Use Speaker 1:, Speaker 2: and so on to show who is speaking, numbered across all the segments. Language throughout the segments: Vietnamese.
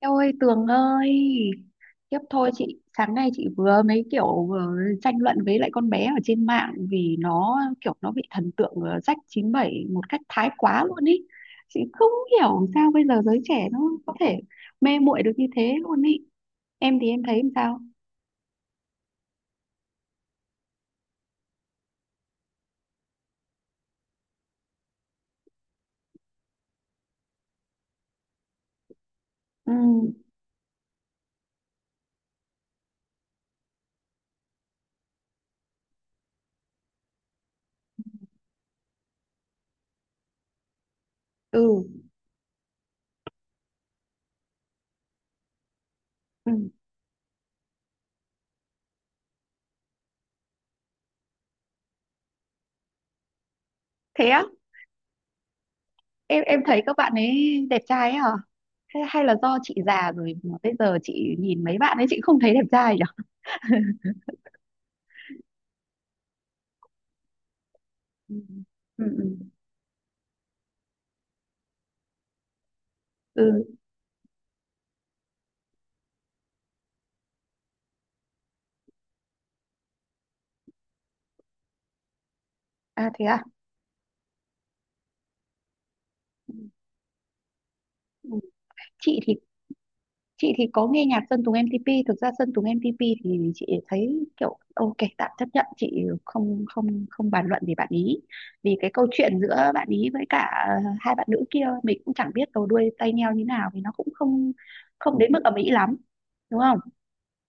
Speaker 1: Eo ơi, Tường ơi! Tiếp thôi chị. Sáng nay chị vừa mấy kiểu vừa tranh luận với lại con bé ở trên mạng. Vì nó kiểu nó bị thần tượng rách 97 một cách thái quá luôn ý. Chị không hiểu sao bây giờ giới trẻ nó có thể mê muội được như thế luôn ý. Em thì em thấy làm sao? Ừ, ừ, ừ. Thế á? Em thấy các bạn ấy đẹp trai ấy hả? Hay là do chị già rồi mà bây giờ chị nhìn mấy bạn ấy chị không thấy đẹp trai nhỉ? Ừ, ừ, ừ. Ừ. À thế à? Ừ. chị thì chị thì có nghe nhạc Sơn Tùng M-TP. Thực ra Sơn Tùng M-TP thì chị thấy kiểu ok, tạm chấp nhận, chị không không không bàn luận về bạn ý, vì cái câu chuyện giữa bạn ý với cả hai bạn nữ kia mình cũng chẳng biết đầu đuôi tay nheo như nào, vì nó cũng không không đến mức ầm ĩ lắm, đúng không.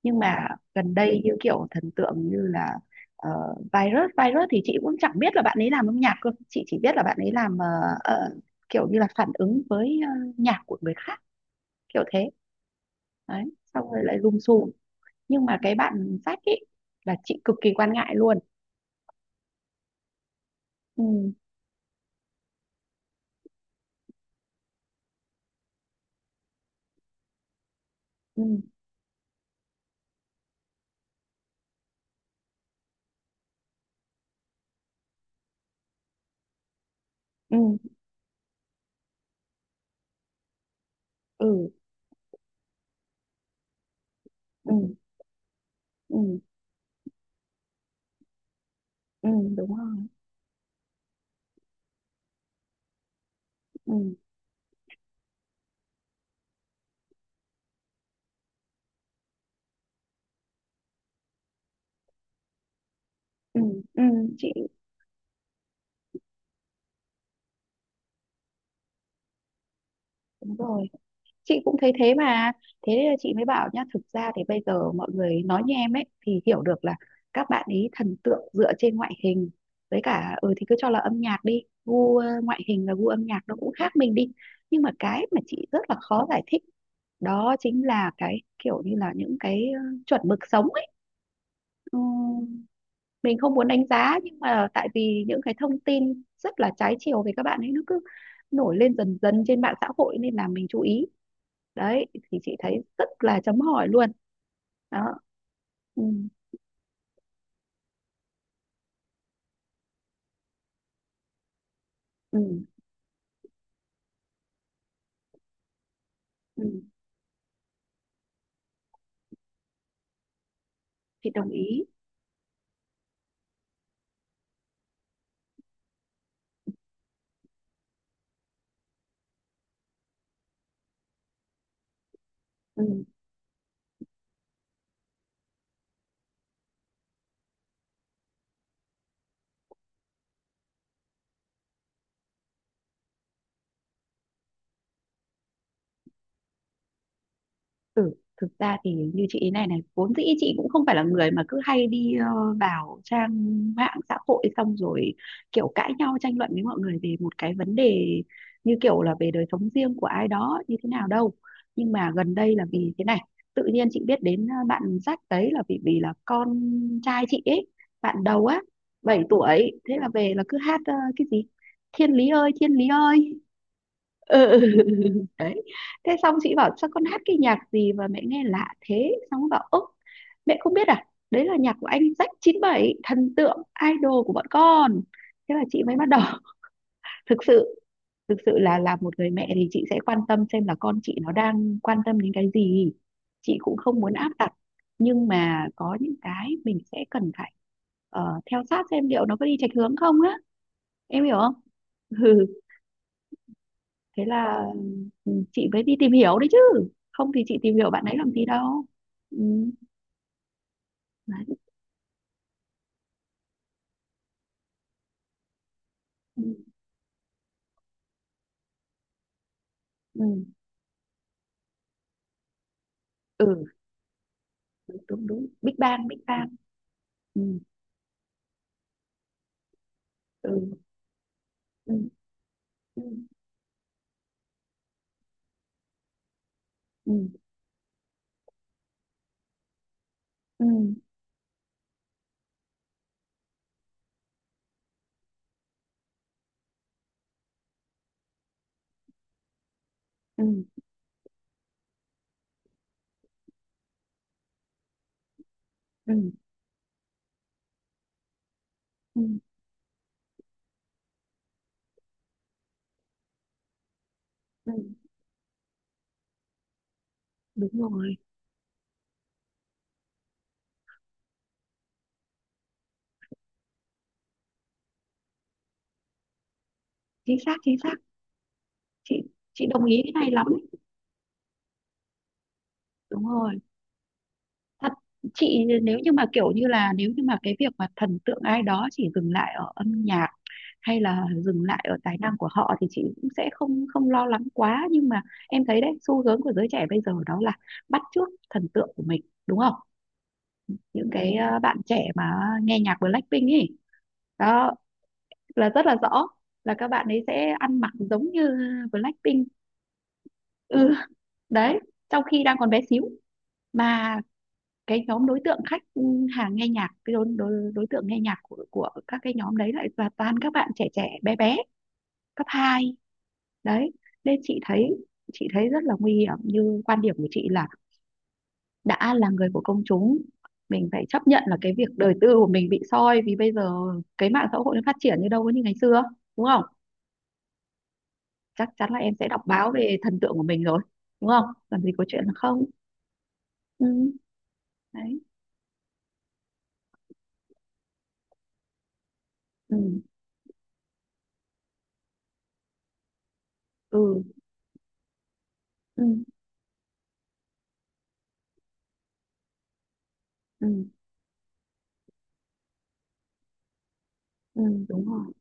Speaker 1: Nhưng mà gần đây như kiểu thần tượng như là ờ, Virus Virus thì chị cũng chẳng biết là bạn ấy làm âm nhạc cơ, chị chỉ biết là bạn ấy làm ờ, kiểu như là phản ứng với nhạc của người khác, kiểu thế đấy, xong rồi lại lùm xùm. Nhưng mà cái bạn sách ấy là chị cực kỳ quan ngại luôn. Ừ. Ừ. Ừ. Ừ. Ừ. Ừ, ừ. Đúng rồi. Ừ. Ừ. Ừ. chị đúng rồi chị cũng thấy thế mà, thế nên là chị mới bảo nhá, thực ra thì bây giờ mọi người nói như em ấy thì hiểu được là các bạn ấy thần tượng dựa trên ngoại hình, với cả ừ thì cứ cho là âm nhạc đi, gu ngoại hình và gu âm nhạc nó cũng khác mình đi. Nhưng mà cái mà chị rất là khó giải thích đó chính là cái kiểu như là những cái chuẩn mực sống ấy. Ừ, mình không muốn đánh giá nhưng mà tại vì những cái thông tin rất là trái chiều về các bạn ấy nó cứ nổi lên dần dần trên mạng xã hội nên là mình chú ý. Đấy, thì chị thấy rất là chấm hỏi luôn. Đó. Ừ, ừ, ừ. Chị đồng ý. Ừ. Ừ. Thực ra thì như chị ý này này, vốn dĩ chị cũng không phải là người mà cứ hay đi vào trang mạng xã hội xong rồi kiểu cãi nhau tranh luận với mọi người về một cái vấn đề, như kiểu là về đời sống riêng của ai đó như thế nào đâu. Nhưng mà gần đây là vì thế này, tự nhiên chị biết đến bạn Jack đấy là vì vì là con trai chị ấy, bạn đầu á, 7 tuổi, thế là về là cứ hát cái gì thiên lý ơi thiên lý ơi. Ừ. Đấy. Thế xong chị bảo sao con hát cái nhạc gì mà mẹ nghe lạ thế, xong nó bảo ơ mẹ không biết à, đấy là nhạc của anh Jack 97, thần tượng idol của bọn con. Thế là chị mới bắt đầu thực sự thực sự là một người mẹ thì chị sẽ quan tâm xem là con chị nó đang quan tâm đến cái gì. Chị cũng không muốn áp đặt nhưng mà có những cái mình sẽ cần phải theo sát xem liệu nó có đi chệch hướng không á, em hiểu không. Thế là ừ, chị mới đi tìm hiểu đấy chứ, không thì chị tìm hiểu bạn ấy làm gì đâu. Ừ. Đấy. Ừ. Ừ. Ừ, đúng đúng đúng, Big Bang, Big Bang. Ừ. Ừ. Ừ. Ừ. Ừ. Ừ. Ừ. Ừ. Ừ. Ừ. Đúng rồi. Chính xác, chính xác. Chị chị đồng ý cái này lắm ấy. Đúng rồi, thật. Chị nếu như mà kiểu như là nếu như mà cái việc mà thần tượng ai đó chỉ dừng lại ở âm nhạc hay là dừng lại ở tài năng của họ thì chị cũng sẽ không không lo lắng quá, nhưng mà em thấy đấy, xu hướng của giới trẻ bây giờ đó là bắt chước thần tượng của mình, đúng không. Những cái bạn trẻ mà nghe nhạc Blackpink ấy, đó là rất là rõ, là các bạn ấy sẽ ăn mặc giống như Blackpink. Ừ. Đấy. Trong khi đang còn bé xíu mà cái nhóm đối tượng khách hàng nghe nhạc, cái đối tượng nghe nhạc của các cái nhóm đấy lại là toàn các bạn trẻ trẻ bé bé, cấp hai. Đấy, nên chị thấy, chị thấy rất là nguy hiểm. Như quan điểm của chị là đã là người của công chúng mình phải chấp nhận là cái việc đời tư của mình bị soi, vì bây giờ cái mạng xã hội nó phát triển như đâu có như ngày xưa, đúng không. Chắc chắn là em sẽ đọc báo về thần tượng của mình rồi, đúng không, làm gì có chuyện là không. Ừ. Đấy. Ừ. Ừ. Ừ, ừ, ừ. Đúng rồi.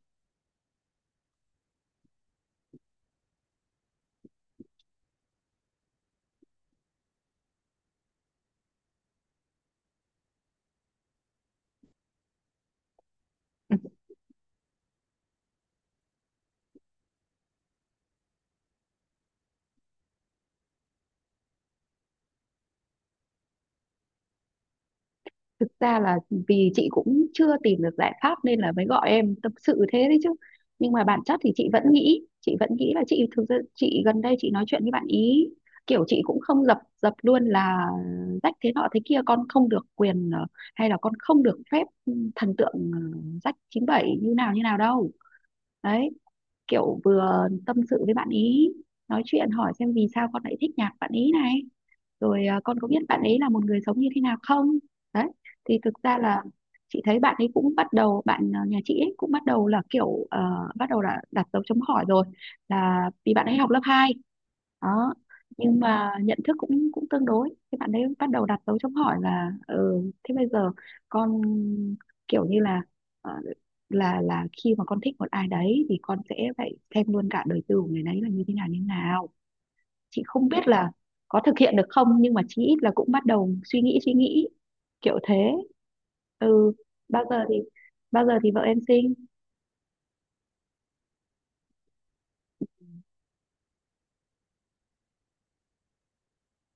Speaker 1: Thực ra là vì chị cũng chưa tìm được giải pháp nên là mới gọi em tâm sự thế đấy chứ. Nhưng mà bản chất thì chị vẫn nghĩ, chị vẫn nghĩ là chị, thực ra chị gần đây chị nói chuyện với bạn ý kiểu chị cũng không dập dập luôn là rách thế nọ thế kia con không được quyền hay là con không được phép thần tượng rách 97 như nào đâu. Đấy. Kiểu vừa tâm sự với bạn ý, nói chuyện hỏi xem vì sao con lại thích nhạc bạn ý này, rồi à, con có biết bạn ấy là một người sống như thế nào không. Đấy, thì thực ra là chị thấy bạn ấy cũng bắt đầu, nhà chị ấy cũng bắt đầu là kiểu bắt đầu là đặt dấu chấm hỏi rồi, là vì bạn ấy học lớp 2. Đó. Nhưng mà nhận thức cũng cũng tương đối thì bạn ấy bắt đầu đặt dấu chấm hỏi là ừ, thế bây giờ con kiểu như là ờ, là khi mà con thích một ai đấy thì con sẽ phải xem luôn cả đời tư của người đấy là như thế nào như thế nào. Chị không biết là có thực hiện được không nhưng mà chí ít là cũng bắt đầu suy nghĩ suy nghĩ, kiểu thế. Ừ. Bao giờ thì, bao giờ thì vợ em sinh?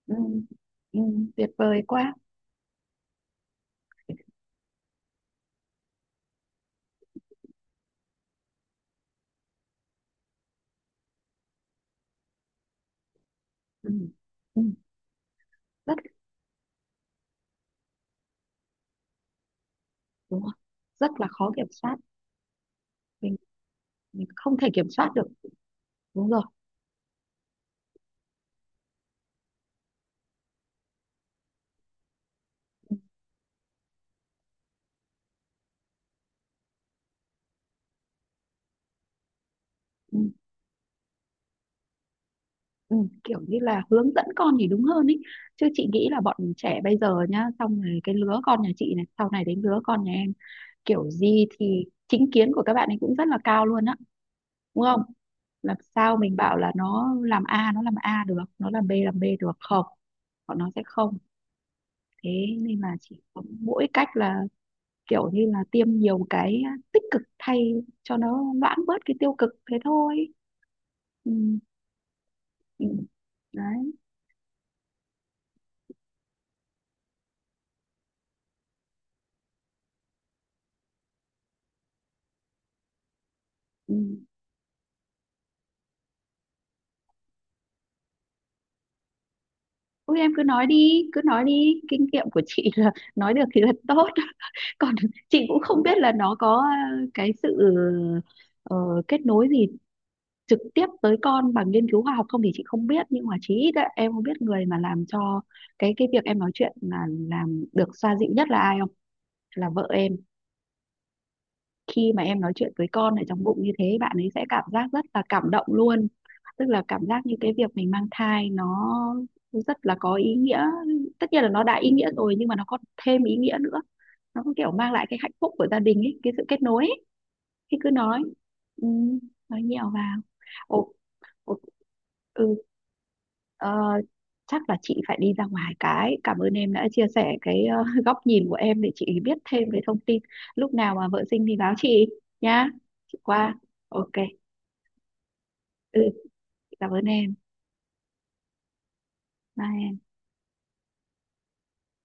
Speaker 1: Ừ, ừ, tuyệt vời quá. Ừ, ừ, rất. Đúng rồi. Rất là khó kiểm soát, mình, mình không thể kiểm soát được. Đúng rồi. Ừ, ừ, ừ, kiểu như là hướng dẫn con thì đúng hơn ý, chứ chị nghĩ là bọn trẻ bây giờ nhá, xong rồi cái lứa con nhà chị này sau này đến lứa con nhà em kiểu gì thì chính kiến của các bạn ấy cũng rất là cao luôn á, đúng không. Làm sao mình bảo là nó làm A được, nó làm B được không, bọn nó sẽ không. Thế nên là chỉ có mỗi cách là kiểu như là tiêm nhiều cái tích cực thay cho nó loãng bớt cái tiêu cực thế thôi. Ừ, ừ. Đấy. Ừ. Ôi em cứ nói đi, kinh nghiệm của chị là nói được thì là tốt. Còn chị cũng không biết là nó có cái sự ờ, kết nối gì trực tiếp tới con bằng nghiên cứu khoa học không thì chị không biết, nhưng mà chí ít ấy, em không biết người mà làm cho cái việc em nói chuyện là làm được xoa dịu nhất là ai không, là vợ em. Khi mà em nói chuyện với con ở trong bụng như thế, bạn ấy sẽ cảm giác rất là cảm động luôn, tức là cảm giác như cái việc mình mang thai nó rất là có ý nghĩa. Tất nhiên là nó đã ý nghĩa rồi nhưng mà nó còn thêm ý nghĩa nữa, nó có kiểu mang lại cái hạnh phúc của gia đình ấy, cái sự kết nối ấy. Thì cứ nói. Ừ, nói nhiều vào. Ủa. Ừ. ờ, Chắc là chị phải đi ra ngoài cái. Cảm ơn em đã chia sẻ cái góc nhìn của em để chị biết thêm về thông tin. Lúc nào mà vợ sinh thì báo chị nhá. Chị qua. Ok. Ừ, cảm ơn em. Bye em.